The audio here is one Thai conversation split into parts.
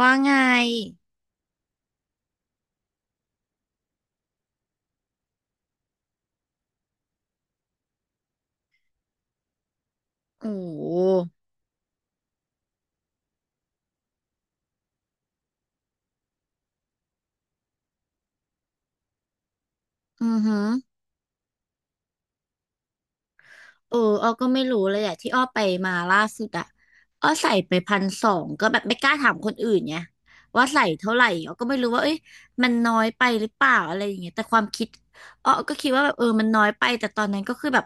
ว่าไงโอ้โหอือหือ เอออ้อก็ไม่รู้เลยอะที่อ้อไปมาล่าสุดอะอ้อใส่ไปพันสองก็แบบไม่กล้าถามคนอื่นไงว่าใส่เท่าไหร่อ้อก็ไม่รู้ว่าเอ้ยมันน้อยไปหรือเปล่าอะไรอย่างเงี้ยแต่ความคิดอ้อก็คิดว่าแบบเออมันน้อยไปแต่ตอนนั้นก็คือแบบ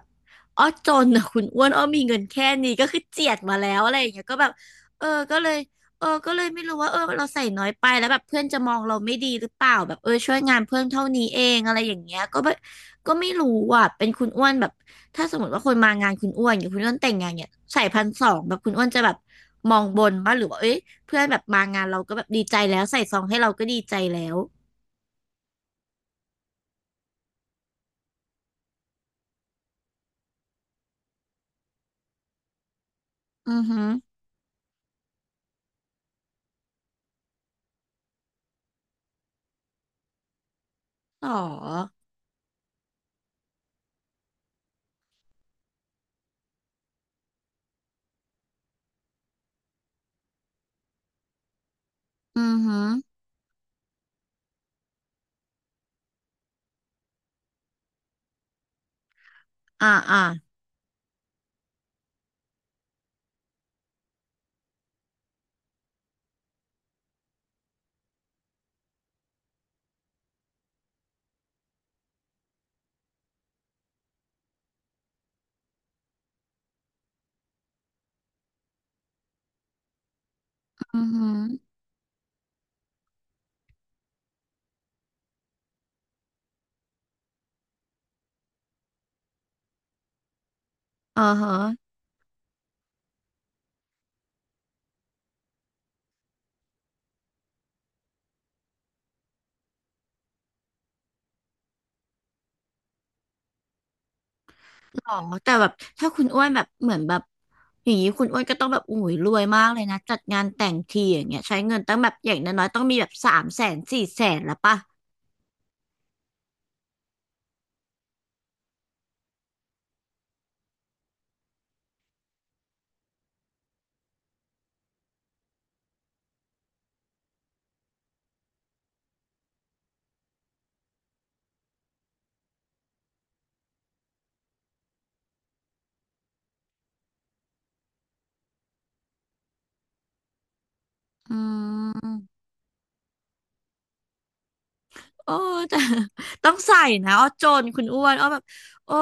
อ้อจนอะคุณอ้วนอ้อมีเงินแค่นี้ก็คือเจียดมาแล้วอะไรอย่างเงี้ยก็แบบเออก็เลยเออก็เลยไม่รู้ว่าเออเราใส่น้อยไปแล้วแบบเพื่อนจะมองเราไม่ดีหรือเปล่าแบบเออช่วยงานเพื่อนเท่านี้เองอะไรอย่างเงี้ยก็แบบก็ไม่รู้อ่ะเป็นคุณอ้วนแบบ ถ้าสมมติว่าคนมางานคุณอ้วนอย่างคุณอ้วนแต่งงานเนี่ยใส่พันสองแบบคุณอ้วนจะแบบมองบนป่ะหรือว่าเอ้ยเพื่อนแบบมางานเราก็แบบดีใจแล้วใส่ซองให้เราก็ดีใจแล้วอือหือหรออือหืออ่าอ่าอือหืออ่าฮะหรอแต่แบบถ้าคุณอ้วนแบบเหมือนแบบอย่างนี้คุณอ้วนก็ต้องแบบอุ้ยรวยมากเลยนะจัดงานแต่งทีอย่างเงี้ยใช้เงินตั้งแบบอย่างน้อยๆต้องมีแบบสามแสนสี่แสนละป่ะอืม โอ้แต่ ต้องใส่นะอ้อจนคุณอ้วนอ้อแบบโอ้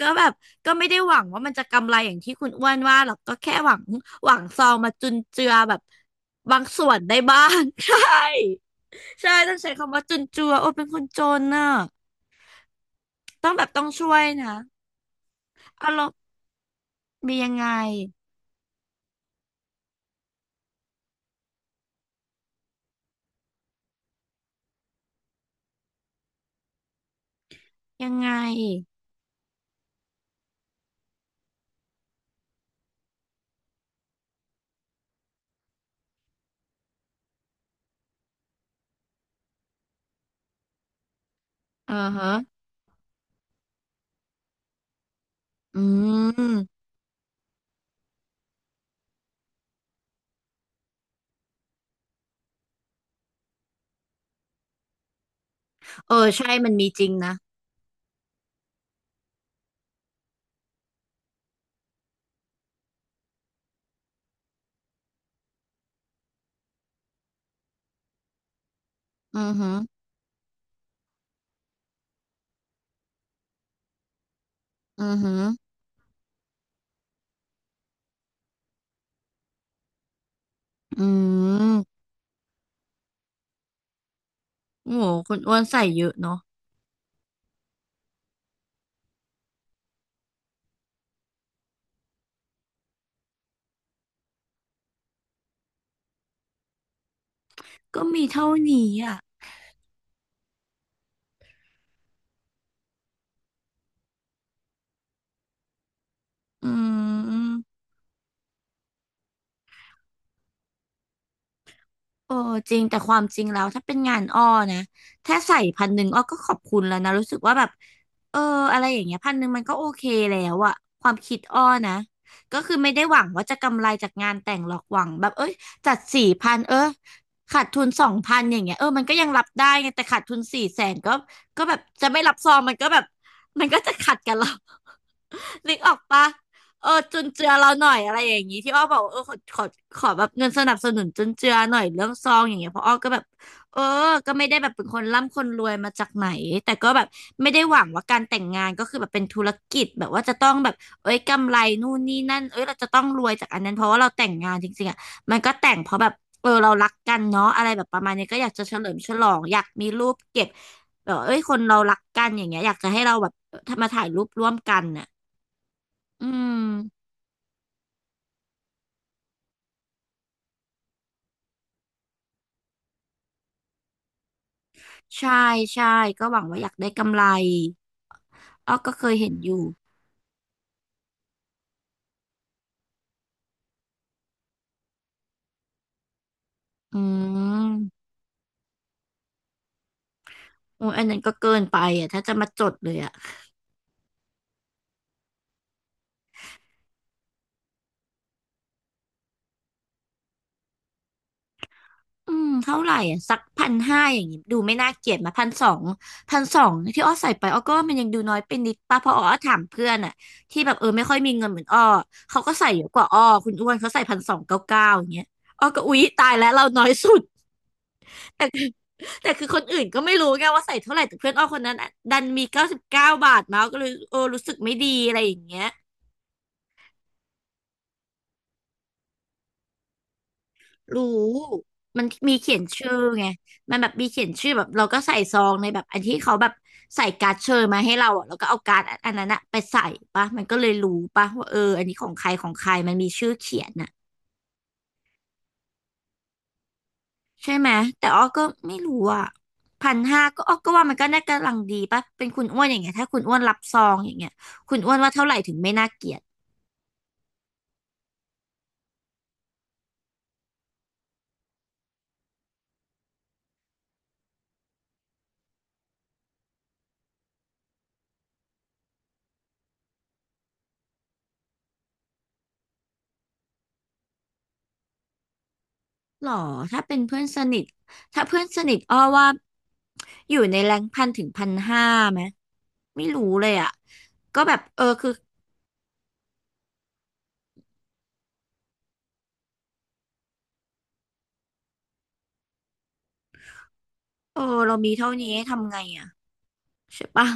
ก็แบบก็ไม่ได้หวังว่ามันจะกำไรอย่างที่คุณอ้วนว่าหรอกก็แค่หวังหวังซองมาจุนเจือแบบบางส่วนได้บ้าง ใช่ใช่ต้องใช้คำว่าจุนเจือโอ้เป็นคนจนน่ะต้องแบบต้องช่วยนะอารมณ์มียังไงยังไงอือฮะอืมเออใช่มันมีจริงนะอือฮึอือฮึอืมโอ้โหคุณอ้วนใส่เยอะเนาะ ก็มีเท่านี้อ่ะอืมโอ้จริงแต่ความจริงแล้วถ้าเป็นงานอ้อนะถ้าใส่พันหนึ่งอ้อก็ขอบคุณแล้วนะรู้สึกว่าแบบ เออ อะไรอย่างเงี้ยพันหนึ่งมันก็โอเคแล้วอะ ความคิดอ้อนะก็คือไม่ได้หวังว่าจะกำไรจากงานแต่งหรอกหวังแบบเอ้ยจัดสี่พันเออขาดทุนสองพันอย่างเงี้ยเออมันก็ยังรับได้ไงแต่ขาดทุนสี่แสนก็แบบจะไม่รับซองมันก็แบบมันก็จะขัดกันแล้ว นึกออกปะ เออจุนเจือเราหน่อยอะไรอย่างนี้ที่อ้อบอกว่าเออขอแบบเงินสนับสนุนจุนเจือหน่อยเรื่องซองอย่างเงี้ยเพราะอ้อก็แบบเออก็ไม่ได้แบบเป็นคนร่ำคนรวยมาจากไหนแต่ก็แบบไม่ได้หวังว่าการแต่งงานก็คือแบบเป็นธุรกิจแบบว่าจะต้องแบบเอ้ยกำไรนู่นนี่นั่นเอ้ยเราจะต้องรวยจากอันนั้นเพราะว่าเราแต่งงานจริงๆอ่ะมันก็แต่งเพราะแบบเออเรารักกันเนาะอะไรแบบประมาณนี้ก็อยากจะเฉลิมฉลองอยากมีรูปเก็บแบบเอ้ยคนเรารักกันอย่างเงี้ยอยากจะให้เราแบบมาถ่ายรูปร่วมกันน่ะอืม ใช่ใช่ก็หวังว่าอยากได้กำไรอ้อก็เคยเห็นอยู่อืมโอ้ยอันนั้นก็เกินไปอ่ะถ้าจะมาจดเลยอ่ะอืมเท่าไหร่อ่ะสักพันห้าอย่างงี้ดูไม่น่าเกลียดมาพันสองพันสองที่อ้อใส่ไปอ้อก็ว่ามันยังดูน้อยไปนิดป่ะเพราะอ้อถามเพื่อนอ่ะที่แบบเออไม่ค่อยมีเงินเหมือนอ้อเขาก็ใส่เยอะกว่าอ้อคุณอ้วนเขาใส่พันสองเก้าเก้าอย่างเงี้ยอ้อก็อุ๊ยตายแล้วเราน้อยสุดแต่ แต่คือคนอื่นก็ไม่รู้ไงว่าใส่เท่าไหร่แต่เพื่อนอ้อคนนั้นอะดันมีเก้าสิบเก้าบาทมาก็เลยเออรู้สึกไม่ดีอะไรอย่างเงี้ยรู้มันมีเขียนชื่อไงมันแบบมีเขียนชื่อแบบเราก็ใส่ซองในแบบอันที่เขาแบบใส่การ์ดเชิญมาให้เราอ่ะแล้วก็เอาการ์ดอันนั้นอะไปใส่ปะมันก็เลยรู้ปะว่าเอออันนี้ของใครของใครมันมีชื่อเขียนน่ะใช่ไหมแต่อ้อก็ไม่รู้อ่ะพันห้าก็อ้อก็ว่ามันก็น่ากำลังดีปะเป็นคุณอ้วนอย่างเงี้ยถ้าคุณอ้วนรับซองอย่างเงี้ยคุณอ้วนว่าเท่าไหร่ถึงไม่น่าเกลียด หรอถ้าเป็นเพื่อนสนิทถ้าเพื่อนสนิทอ้อว่าอยู่ในแรง1,000 ถึง 1,500ไหมไม่รู้เลยอ่ะก็แบบคือเรามีเท่านี้ทำไงอ่ะใช่ปะ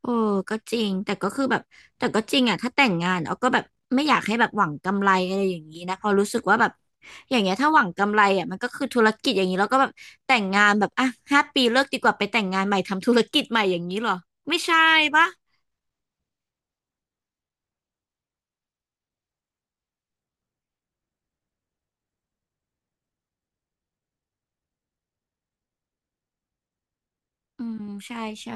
เออก็จริงแต่ก็คือแบบแต่ก็จริงอ่ะถ้าแต่งงานออาก็แบบไม่อยากให้แบบหวังกำไรอะไรอย่างนี้นะเพอรู้สึกว่าแบบอย่างเงี้ยถ้าหวังกำไรอ่ะมันก็คือธุรกิจอย่างนี้แล้วก็แบบแต่งงานแบบอ่ะ5 ปีเลิกดีกว่าไปแต่งงานใหม่ทำธุรกิจใหม่อย่างนี้เหรอไม่ใช่ปะอืมใช่ใช่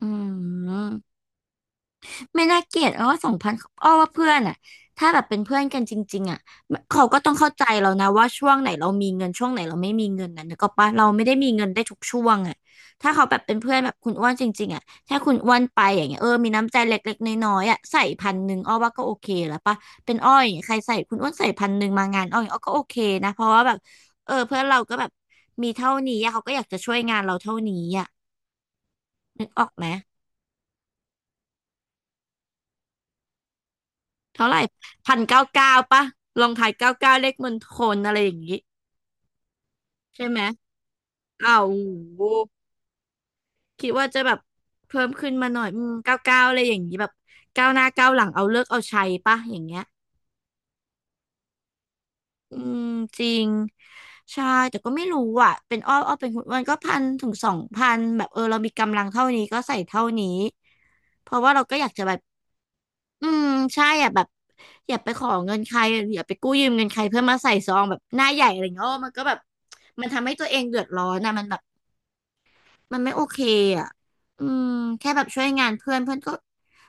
อืมไม่น่าเกลียดอ้อสองพันอ้อว่าเพื่อนอ่ะถ้าแบบเป็นเพื่อนกันจริงๆอ่ะเขาก็ต้องเข้าใจเรานะว่าช่วงไหนเรามีเงินช่วงไหนเราไม่มีเงินนะนึกออกปะเราไม่ได้มีเงินได้ทุกช่วงอ่ะถ้าเขาแบบเป็นเพื่อนแบบคุณอ้วนจริงๆอ่ะถ้าคุณอ้วนไปอย่างเงี้ยเออมีน้ำใจเล็กๆน้อยๆอ่ะใส่พันหนึ่งอ้อว่าก็โอเคแล้วปะเป็นอ้ออย่างเงี้ยใครใส่คุณอ้วนใส่พันหนึ่งมางานอ้ออย่างเงี้ยอ้อก็โอเคนะเพราะว่าแบบเออเพื่อนเราก็แบบมีเท่านี้อะเขาก็อยากจะช่วยงานเราเท่านี้อ่ะนึกออกไหม เท่าไหร่1,999ปะลองทายเก้าเก้าเลขมณฑลอะไรอย่างนี้ใช่ไหมอ้าวโหคิดว่าจะแบบเพิ่มขึ้นมาหน่อยอืมเก้าเก้าอะไรอย่างนี้แบบก้าวหน้าก้าวหลังเอาเลิกเอาชัยปะอย่างเงี้ยอืมจริงใช่แต่ก็ไม่รู้อ่ะเป็นอ้ออ้อเป็นคุณอ้วนก็1,000 ถึง 2,000แบบเออเรามีกำลังเท่านี้ก็ใส่เท่านี้เพราะว่าเราก็อยากจะแบบ อืมใช่อ่ะแบบอย่าไปขอเงินใครอย่าไปกู้ยืมเงินใครเพื่อมาใส่ซองแบบหน้าใหญ่อะไรเงี้ยโอ้มันก็แบบมันทำให้ตัวเองเดือดร้อนนะมันแบบมันไม่โอเคอ่ะอืมแค่แบบช่วยงานเพื่อนเพื่อนก็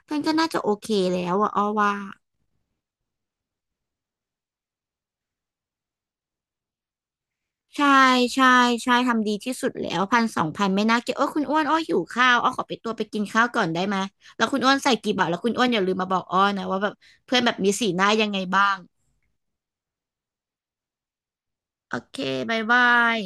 เพื่อนก็น่าจะโอเคแล้วอ่ะอ้อว่าใช่ใช่ใช่ทำดีที่สุดแล้ว1,000 2,000ไม่น่าเกลียดโอ้ยคุณอ้วนอ้อหิวข้าวอ้อขอไปตัวไปกินข้าวก่อนได้ไหมแล้วคุณอ้วนใส่กี่บาทแล้วคุณอ้วนอย่าลืมมาบอกอ้อนะว่าแบบเพื่อนแบบมีสีหน้ายังไงบ้างโอเคบายบาย